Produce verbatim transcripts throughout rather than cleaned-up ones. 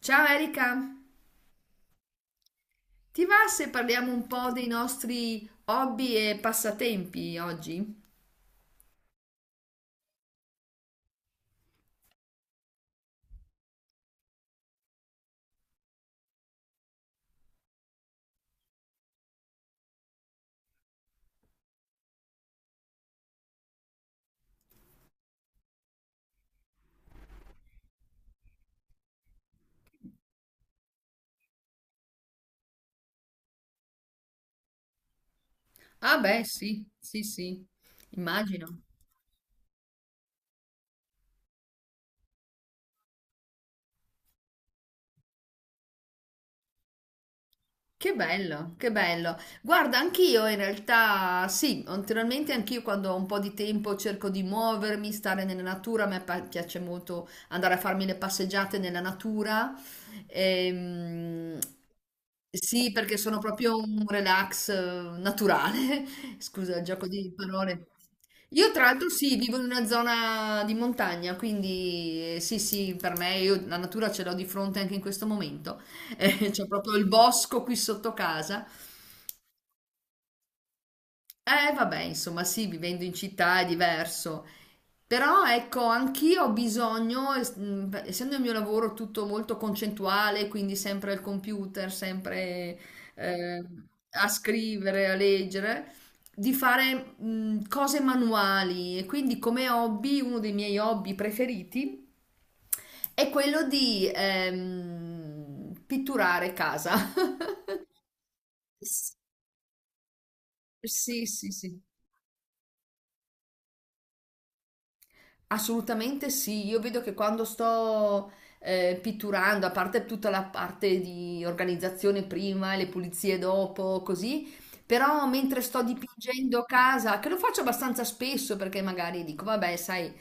Ciao Erika, ti va se parliamo un po' dei nostri hobby e passatempi oggi? Ah beh, sì, sì, sì, immagino. Che bello, che bello. Guarda, anch'io in realtà sì, naturalmente anch'io quando ho un po' di tempo cerco di muovermi, stare nella natura, a me pa- piace molto andare a farmi le passeggiate nella natura. Ehm, sì, perché sono proprio un relax eh, naturale, scusa il gioco di parole. Io tra l'altro sì, vivo in una zona di montagna, quindi eh, sì, sì, per me io la natura ce l'ho di fronte anche in questo momento. Eh, c'ho proprio il bosco qui sotto casa. Eh, vabbè, insomma, sì, vivendo in città è diverso. Però ecco, anch'io ho bisogno, es- mh, essendo il mio lavoro tutto molto concettuale, quindi sempre al computer, sempre eh, a scrivere, a leggere, di fare mh, cose manuali. E quindi come hobby, uno dei miei hobby preferiti è quello di ehm, pitturare casa. Sì, sì, sì. Assolutamente sì, io vedo che quando sto eh, pitturando, a parte tutta la parte di organizzazione prima e le pulizie dopo, così, però mentre sto dipingendo casa, che lo faccio abbastanza spesso perché magari dico, vabbè, sai,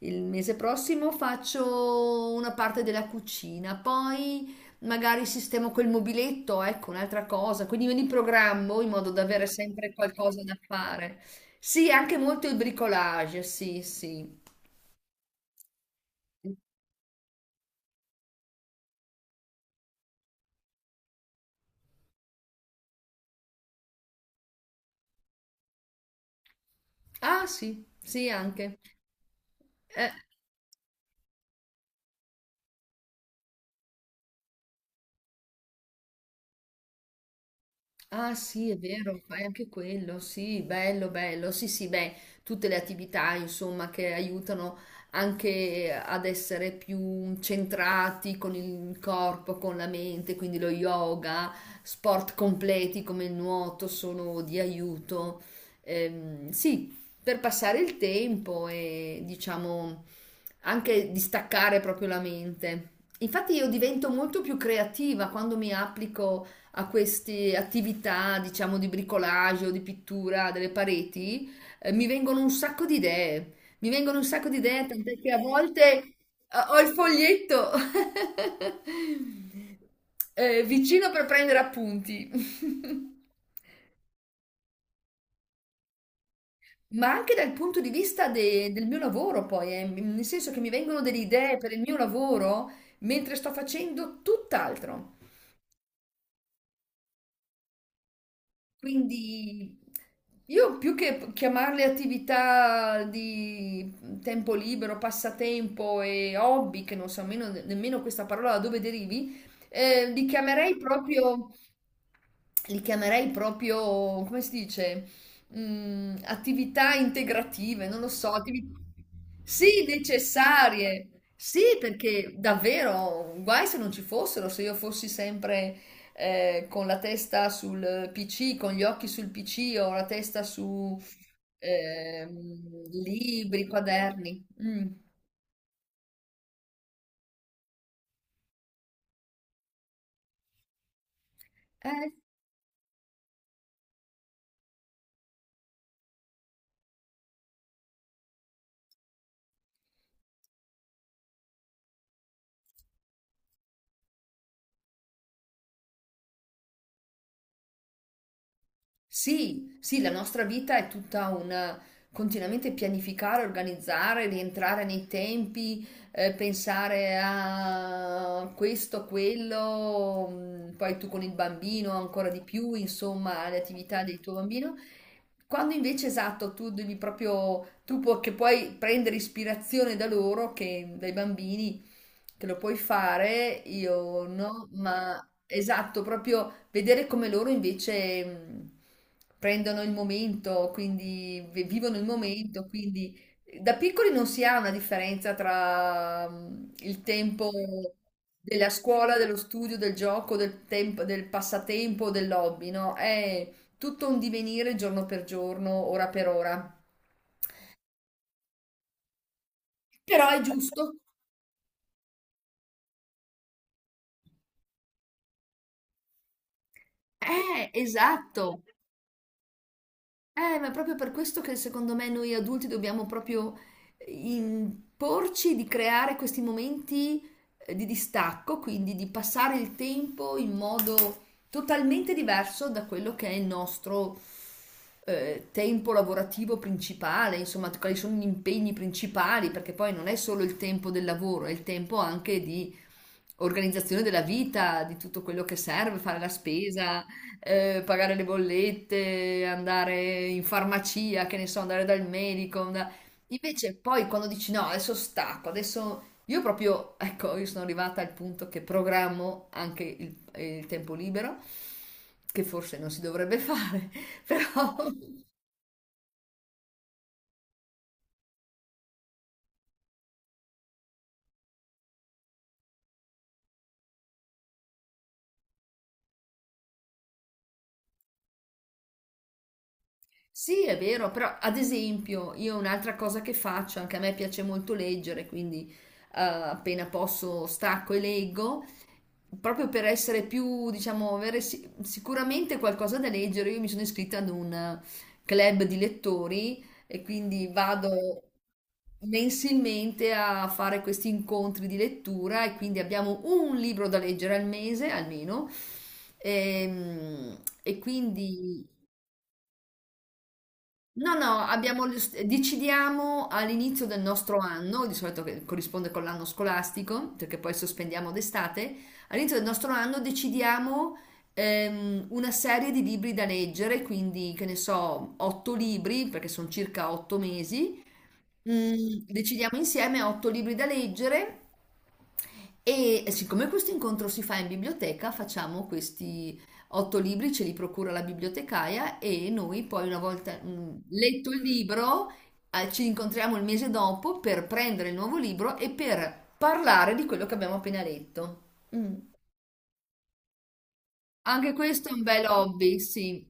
il mese prossimo faccio una parte della cucina, poi magari sistemo quel mobiletto, ecco, un'altra cosa, quindi me li programmo in modo da avere sempre qualcosa da fare. Sì, anche molto il bricolage, sì, sì. Ah sì, sì anche. Eh, Ah sì, è vero, fai anche quello, sì, bello, bello, sì, sì, beh, tutte le attività, insomma, che aiutano anche ad essere più centrati con il corpo, con la mente, quindi lo yoga, sport completi come il nuoto sono di aiuto. Ehm, sì, per passare il tempo e diciamo anche distaccare proprio la mente. Infatti io divento molto più creativa quando mi applico a queste attività, diciamo, di bricolage o di pittura delle pareti, eh, mi vengono un sacco di idee. Mi vengono un sacco di idee, tant'è che a volte eh, ho il foglietto eh, vicino per prendere appunti. Ma anche dal punto di vista de- del mio lavoro, poi, eh, nel senso che mi vengono delle idee per il mio lavoro mentre sto facendo tutt'altro. Quindi io più che chiamarle attività di tempo libero, passatempo e hobby, che non so nemmeno, nemmeno questa parola da dove derivi, eh, li chiamerei proprio, li chiamerei proprio, come si dice, Mm, attività integrative, non lo so, attivi- sì, necessarie. Sì, perché davvero, guai se non ci fossero, se io fossi sempre eh, con la testa sul pi ci, con gli occhi sul pi ci o la testa su ehm, libri, quaderni. Mm. Eh, sì, sì, la nostra vita è tutta una continuamente pianificare, organizzare, rientrare nei tempi, eh, pensare a questo, quello, mm, poi tu con il bambino ancora di più, insomma, alle attività del tuo bambino. Quando invece esatto, tu devi proprio, tu pu- che puoi prendere ispirazione da loro, che, dai bambini, che lo puoi fare, io no, ma esatto, proprio vedere come loro invece mh, prendono il momento, quindi vi- vivono il momento, quindi da piccoli non si ha una differenza tra mh, il tempo della scuola, dello studio, del gioco, del tempo, del passatempo, del hobby, no? È tutto un divenire giorno per giorno, ora per ora. Però è giusto. Eh, esatto. Eh, ma è proprio per questo che secondo me noi adulti dobbiamo proprio eh, imporci di creare questi momenti eh, di distacco, quindi di passare il tempo in modo totalmente diverso da quello che è il nostro eh, tempo lavorativo principale, insomma, quali sono gli impegni principali, perché poi non è solo il tempo del lavoro, è il tempo anche di organizzazione della vita, di tutto quello che serve, fare la spesa, eh, pagare le bollette, andare in farmacia, che ne so, andare dal medico. andare- Invece poi quando dici no, adesso stacco, adesso io proprio, ecco, io sono arrivata al punto che programmo anche il, il tempo libero, che forse non si dovrebbe fare, però sì, è vero, però ad esempio io un'altra cosa che faccio, anche a me piace molto leggere, quindi eh, appena posso stacco e leggo. Proprio per essere più, diciamo, avere si- sicuramente qualcosa da leggere, io mi sono iscritta ad un club di lettori e quindi vado mensilmente a fare questi incontri di lettura e quindi abbiamo un libro da leggere al mese almeno. Ehm, E, quindi No, no, abbiamo- decidiamo all'inizio del nostro anno, di solito che corrisponde con l'anno scolastico, perché poi sospendiamo d'estate, all'inizio del nostro anno decidiamo ehm, una serie di libri da leggere, quindi che ne so, otto libri, perché sono circa otto mesi. Mm, decidiamo insieme otto libri da leggere e siccome questo incontro si fa in biblioteca, facciamo questi otto libri, ce li procura la bibliotecaia e noi poi una volta mh, letto il libro, eh, ci incontriamo il mese dopo per prendere il nuovo libro e per parlare di quello che abbiamo appena letto. Mm. Anche questo è un bel hobby, sì.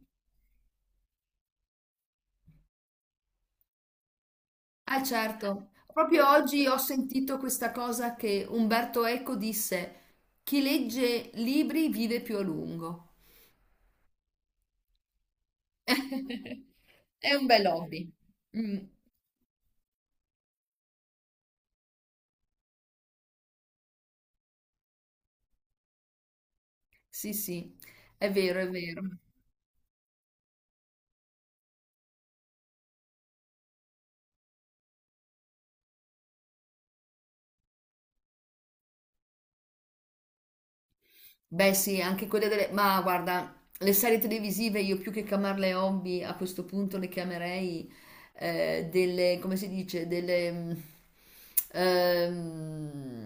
Ah, certo. Proprio oggi ho sentito questa cosa che Umberto Eco disse, chi legge libri vive più a lungo. È un bel hobby. Mm, sì, sì, è vero, è vero. Beh, sì, anche quelle delle... Ma guarda, le serie televisive io più che chiamarle hobby a questo punto le chiamerei eh, delle, come si dice, delle... mm, ehm,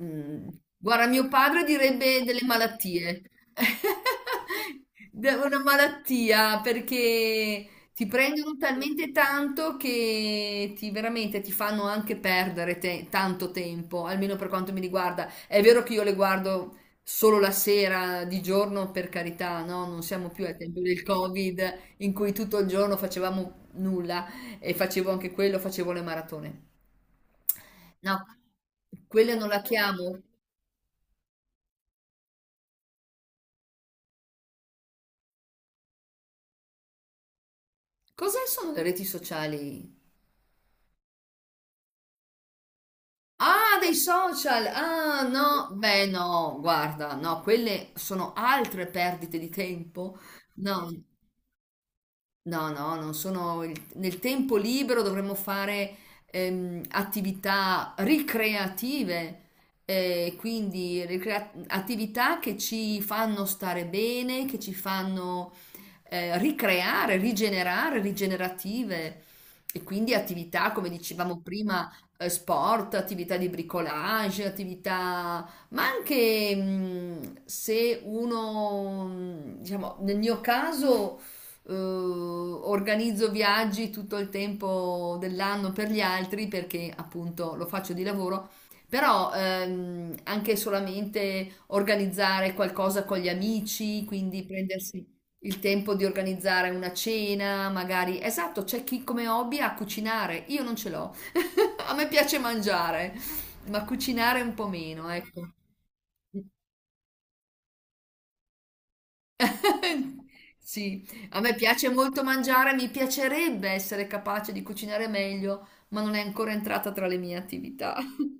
mm, guarda, mio padre direbbe delle malattie. De- Una malattia perché ti prendono talmente tanto che ti veramente ti fanno anche perdere te- tanto tempo, almeno per quanto mi riguarda. È vero che io le guardo solo la sera, di giorno, per carità, no? Non siamo più al tempo del Covid in cui tutto il giorno facevamo nulla e facevo anche quello, facevo le maratone. No, quelle non la chiamo. Cos'è sono le reti sociali? Ah, dei social! Ah, no, beh, no, guarda, no, quelle sono altre perdite di tempo. No. No, no, non sono... il- Nel tempo libero dovremmo fare ehm, attività ricreative, eh, quindi ricrea- attività che ci fanno stare bene, che ci fanno eh, ricreare, rigenerare, rigenerative. E quindi attività, come dicevamo prima, eh, sport, attività di bricolage, attività ma anche mh, se uno, mh, diciamo, nel mio caso eh, organizzo viaggi tutto il tempo dell'anno per gli altri perché appunto lo faccio di lavoro, però ehm, anche solamente organizzare qualcosa con gli amici, quindi prendersi il tempo di organizzare una cena, magari. Esatto, c'è chi come hobby ha cucinare, io non ce l'ho. A me piace mangiare, ma cucinare un po' meno, ecco. Sì, a me piace molto mangiare, mi piacerebbe essere capace di cucinare meglio, ma non è ancora entrata tra le mie attività.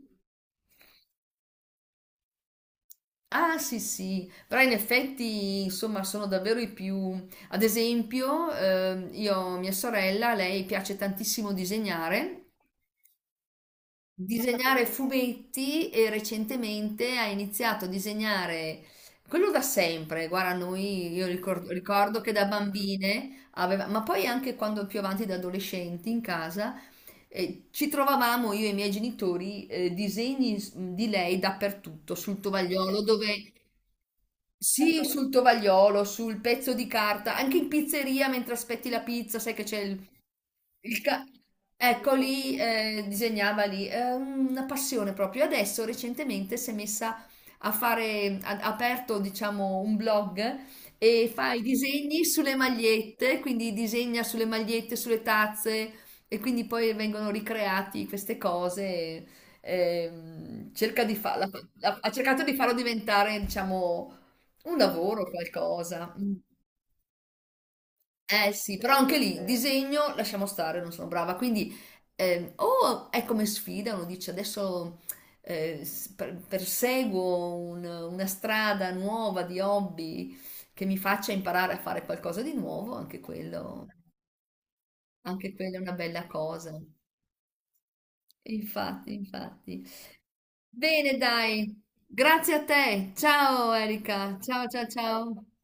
Ah, sì, sì, però in effetti, insomma, sono davvero i più... Ad esempio, ehm, io, mia sorella, lei piace tantissimo disegnare, disegnare fumetti e recentemente ha iniziato a disegnare quello da sempre. Guarda, noi io ricordo, ricordo che da bambine aveva, ma poi anche quando più avanti da adolescenti in casa eh, ci trovavamo io e i miei genitori eh, disegni s- di lei dappertutto, sul tovagliolo, dove sì, sul tovagliolo, sul pezzo di carta, anche in pizzeria mentre aspetti la pizza, sai che c'è il il ca- ecco, lì eh, disegnava lì, è una passione proprio. Adesso recentemente si è messa a fare, ha ha aperto diciamo un blog e fa i disegni sulle magliette, quindi disegna sulle magliette, sulle tazze e quindi poi vengono ricreati queste cose. Ehm, cerca di farla, ha ha cercato di farlo diventare diciamo un lavoro, qualcosa. Eh sì, però anche lì disegno lasciamo stare, non sono brava. Quindi ehm, o è come sfida, uno dice adesso eh, s- per- perseguo un- una strada nuova di hobby che mi faccia imparare a fare qualcosa di nuovo, anche quello, anche quella è una bella cosa. Infatti, infatti. Bene, dai, grazie a te. Ciao Erika, ciao ciao ciao.